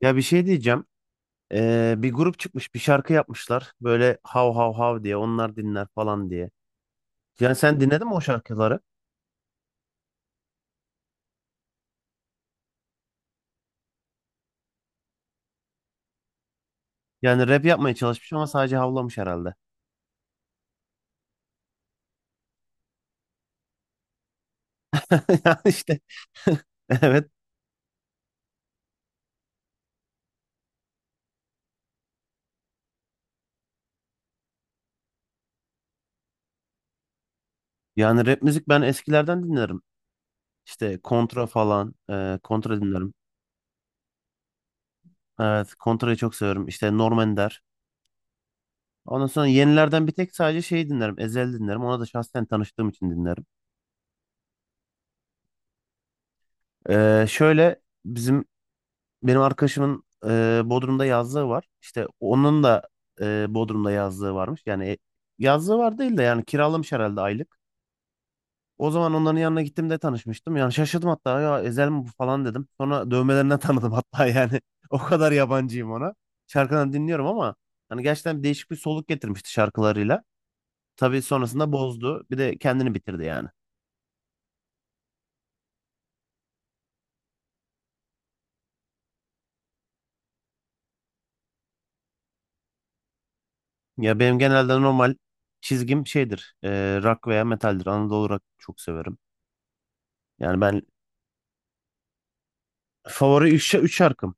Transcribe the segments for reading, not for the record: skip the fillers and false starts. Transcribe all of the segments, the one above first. Ya bir şey diyeceğim. Bir grup çıkmış, bir şarkı yapmışlar. Böyle hav hav hav diye, onlar dinler falan diye. Yani sen dinledin mi o şarkıları? Yani rap yapmaya çalışmış ama sadece havlamış herhalde. Yani işte. Evet. Yani rap müzik ben eskilerden dinlerim. İşte Kontra falan, Kontra dinlerim. Evet, Kontra'yı çok severim. İşte Norm Ender. Ondan sonra yenilerden bir tek sadece şey dinlerim. Ezel dinlerim. Ona da şahsen tanıştığım için dinlerim. Şöyle benim arkadaşımın, Bodrum'da yazlığı var. İşte onun da, Bodrum'da yazlığı varmış. Yani yazlığı var değil de yani kiralamış herhalde aylık. O zaman onların yanına gittim de tanışmıştım. Yani şaşırdım hatta, ya Ezel mi bu falan dedim. Sonra dövmelerinden tanıdım hatta yani. O kadar yabancıyım ona. Şarkılarını dinliyorum ama hani gerçekten değişik bir soluk getirmişti şarkılarıyla. Tabii sonrasında bozdu. Bir de kendini bitirdi yani. Ya benim genelde normal çizgim şeydir. Rock veya metaldir. Anadolu rock çok severim. Yani ben. Favori üç şarkım.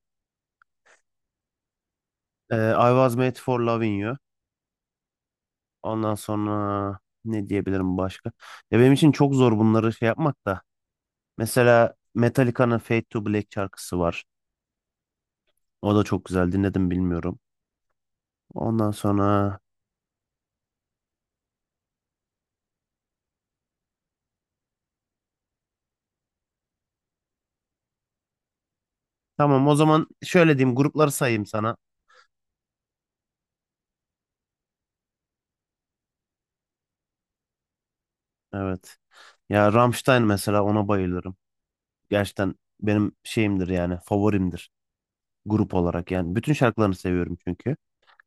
I Was Made for Loving You. Ondan sonra ne diyebilirim başka? Ya benim için çok zor bunları şey yapmak da. Mesela Metallica'nın Fade to Black şarkısı var. O da çok güzel. Dinledim bilmiyorum. Ondan sonra, tamam o zaman şöyle diyeyim, grupları sayayım sana. Evet. Ya Rammstein mesela, ona bayılırım. Gerçekten benim şeyimdir yani, favorimdir grup olarak yani. Bütün şarkılarını seviyorum çünkü.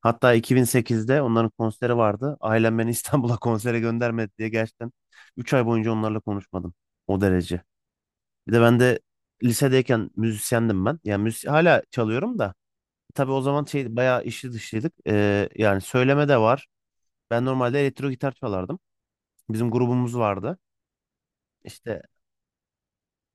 Hatta 2008'de onların konseri vardı. Ailem beni İstanbul'a konsere göndermedi diye gerçekten 3 ay boyunca onlarla konuşmadım. O derece. Bir de ben de lisedeyken müzisyendim ben. Yani hala çalıyorum da. Tabii o zaman şey, bayağı işli dışlıydık. Yani söyleme de var. Ben normalde elektro gitar çalardım. Bizim grubumuz vardı. İşte.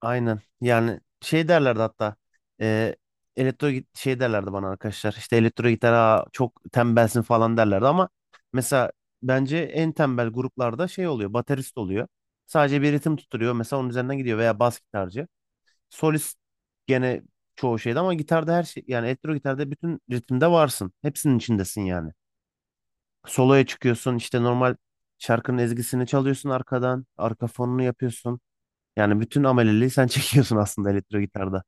Aynen. Yani şey derlerdi hatta. E, Şey derlerdi bana arkadaşlar. İşte elektro gitar, "Aa, çok tembelsin" falan derlerdi ama mesela bence en tembel gruplarda şey oluyor. Baterist oluyor. Sadece bir ritim tutturuyor. Mesela onun üzerinden gidiyor veya bas gitarcı. Solist gene çoğu şeyde, ama gitarda her şey, yani elektro gitarda bütün ritimde varsın. Hepsinin içindesin yani. Soloya çıkıyorsun, işte normal şarkının ezgisini çalıyorsun arkadan. Arka fonunu yapıyorsun. Yani bütün ameleliği sen çekiyorsun aslında elektro gitarda.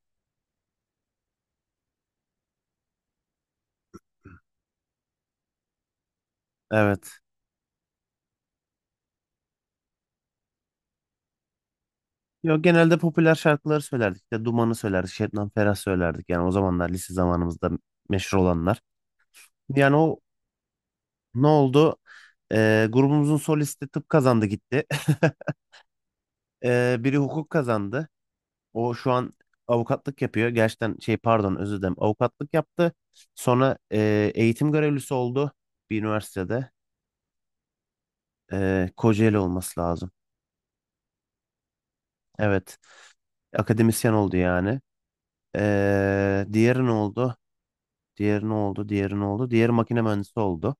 Evet. Yok, genelde popüler şarkıları söylerdik. İşte Duman'ı söylerdik. Şebnem Ferah söylerdik. Yani o zamanlar, lise zamanımızda meşhur olanlar. Yani o, ne oldu? Grubumuzun solisti tıp kazandı gitti. Biri hukuk kazandı. O şu an avukatlık yapıyor. Gerçekten şey, pardon, özür dilerim. Avukatlık yaptı. Sonra eğitim görevlisi oldu bir üniversitede. Kocaeli olması lazım. Evet. Akademisyen oldu yani. Diğeri ne oldu? Diğeri ne oldu? Diğeri ne oldu? Diğeri makine mühendisi oldu.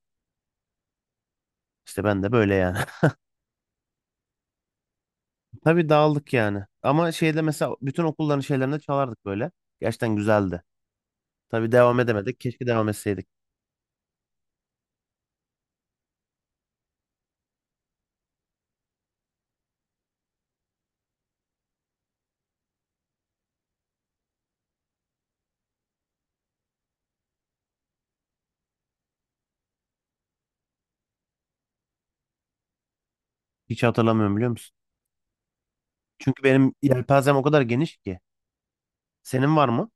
İşte ben de böyle yani. Tabii dağıldık yani. Ama şeyde mesela, bütün okulların şeylerinde çalardık böyle. Gerçekten güzeldi. Tabii devam edemedik. Keşke devam etseydik. Hiç hatırlamıyorum, biliyor musun? Çünkü benim yelpazem o kadar geniş ki. Senin var mı?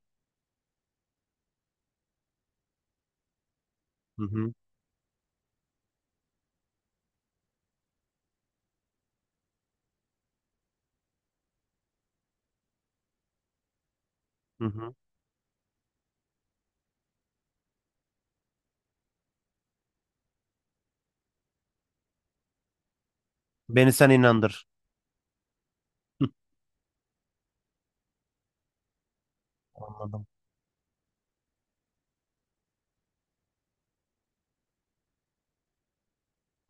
Hı hı. Hı hı. Beni sen inandır. Anladım.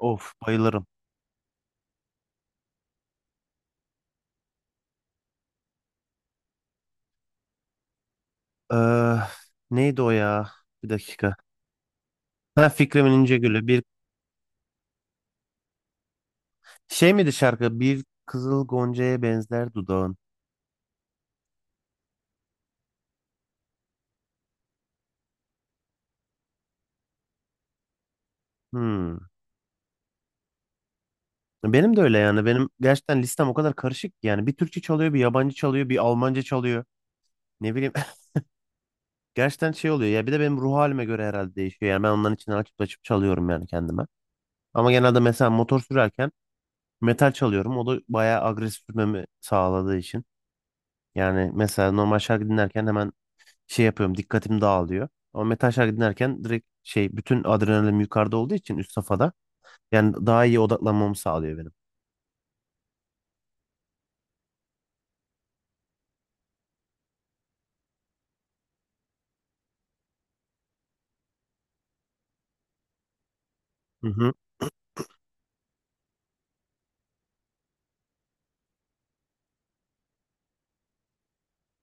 Of, bayılırım. Ee, Neydi o ya? Bir dakika. Ha, Fikrimin İnce Gülü. Şey miydi şarkı? Bir kızıl goncaya benzer dudağın. Hmm. Benim de öyle yani. Benim gerçekten listem o kadar karışık ki yani. Bir Türkçe çalıyor, bir yabancı çalıyor, bir Almanca çalıyor. Ne bileyim. Gerçekten şey oluyor ya. Bir de benim ruh halime göre herhalde değişiyor. Yani ben onların içine açıp açıp çalıyorum yani, kendime. Ama genelde mesela motor sürerken metal çalıyorum. O da bayağı agresif sürmemi sağladığı için. Yani mesela normal şarkı dinlerken hemen şey yapıyorum, dikkatim dağılıyor. Ama metal şarkı dinlerken direkt şey, bütün adrenalin yukarıda olduğu için, üst safhada. Yani daha iyi odaklanmamı sağlıyor benim. Hı hı.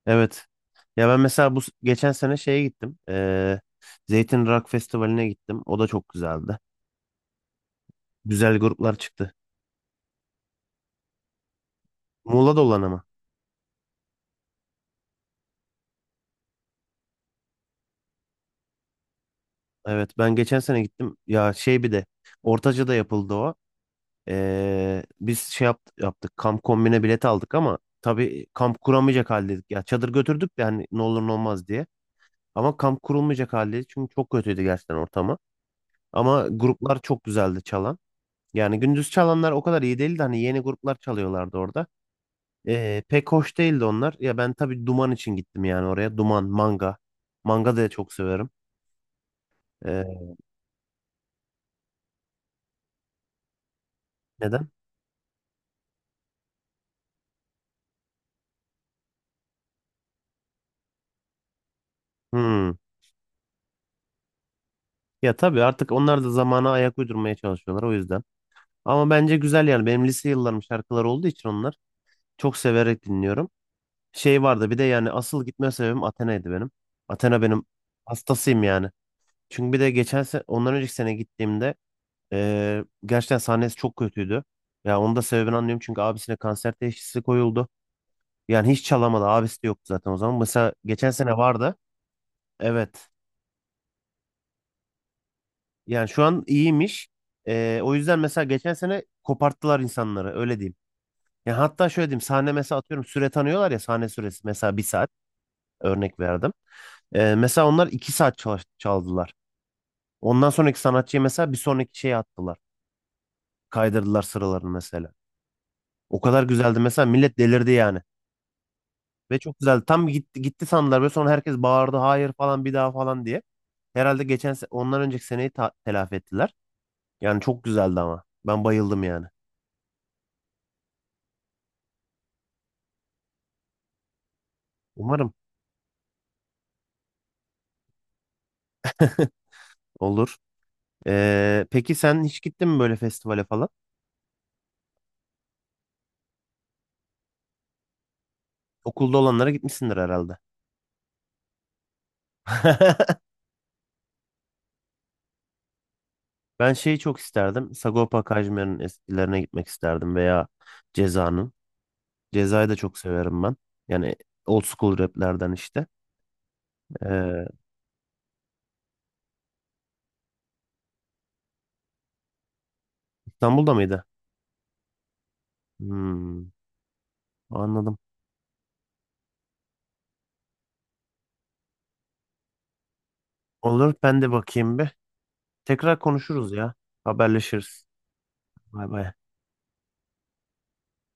Evet. Ya ben mesela geçen sene şeye gittim. Zeytin Rock Festivali'ne gittim. O da çok güzeldi. Güzel gruplar çıktı. Muğla'da olan ama. Evet, ben geçen sene gittim. Ya şey, bir de Ortaca'da yapıldı o. Biz şey yaptık. Kamp kombine bilet aldık ama tabii kamp kuramayacak haldeydik. Ya çadır götürdük de, hani ne olur ne olmaz diye. Ama kamp kurulmayacak haldeydik. Çünkü çok kötüydü gerçekten ortamı. Ama gruplar çok güzeldi çalan. Yani gündüz çalanlar o kadar iyi değildi. Hani yeni gruplar çalıyorlardı orada. Pek hoş değildi onlar. Ya ben tabii Duman için gittim yani oraya. Duman, Manga. Manga da çok severim. Ee, Neden? Hmm. Ya tabii artık onlar da zamana ayak uydurmaya çalışıyorlar, o yüzden. Ama bence güzel yani. Benim lise yıllarım şarkıları olduğu için onlar çok severek dinliyorum. Şey vardı bir de, yani asıl gitme sebebim Athena'ydı benim. Athena, benim hastasıyım yani. Çünkü bir de geçen sene, ondan önceki sene gittiğimde gerçekten sahnesi çok kötüydü. Ya onun da sebebini anlıyorum çünkü abisine kanser teşhisi koyuldu. Yani hiç çalamadı. Abisi de yoktu zaten o zaman. Mesela geçen sene vardı. Evet. Yani şu an iyiymiş. O yüzden mesela geçen sene koparttılar insanları, öyle diyeyim. Yani hatta şöyle diyeyim, sahne mesela atıyorum süre tanıyorlar ya, sahne süresi mesela bir saat, örnek verdim. Mesela onlar 2 saat çaldılar. Ondan sonraki sanatçıyı mesela bir sonraki şeye attılar. Kaydırdılar sıralarını mesela. O kadar güzeldi mesela, millet delirdi yani. Ve çok güzeldi. Tam gitti, gitti sandılar. Ve sonra herkes bağırdı, "Hayır falan, bir daha" falan diye. Herhalde ondan önceki seneyi telafi ettiler. Yani çok güzeldi ama. Ben bayıldım yani. Umarım olur. Peki sen hiç gittin mi böyle festivale falan? Okulda olanlara gitmişsindir herhalde. Ben şeyi çok isterdim. Sagopa Kajmer'in eskilerine gitmek isterdim, veya Ceza'nın. Ceza'yı da çok severim ben. Yani old school raplerden işte. Ee, İstanbul'da mıydı? Hmm, anladım. Olur, ben de bakayım bir. Tekrar konuşuruz ya. Haberleşiriz. Bay bay.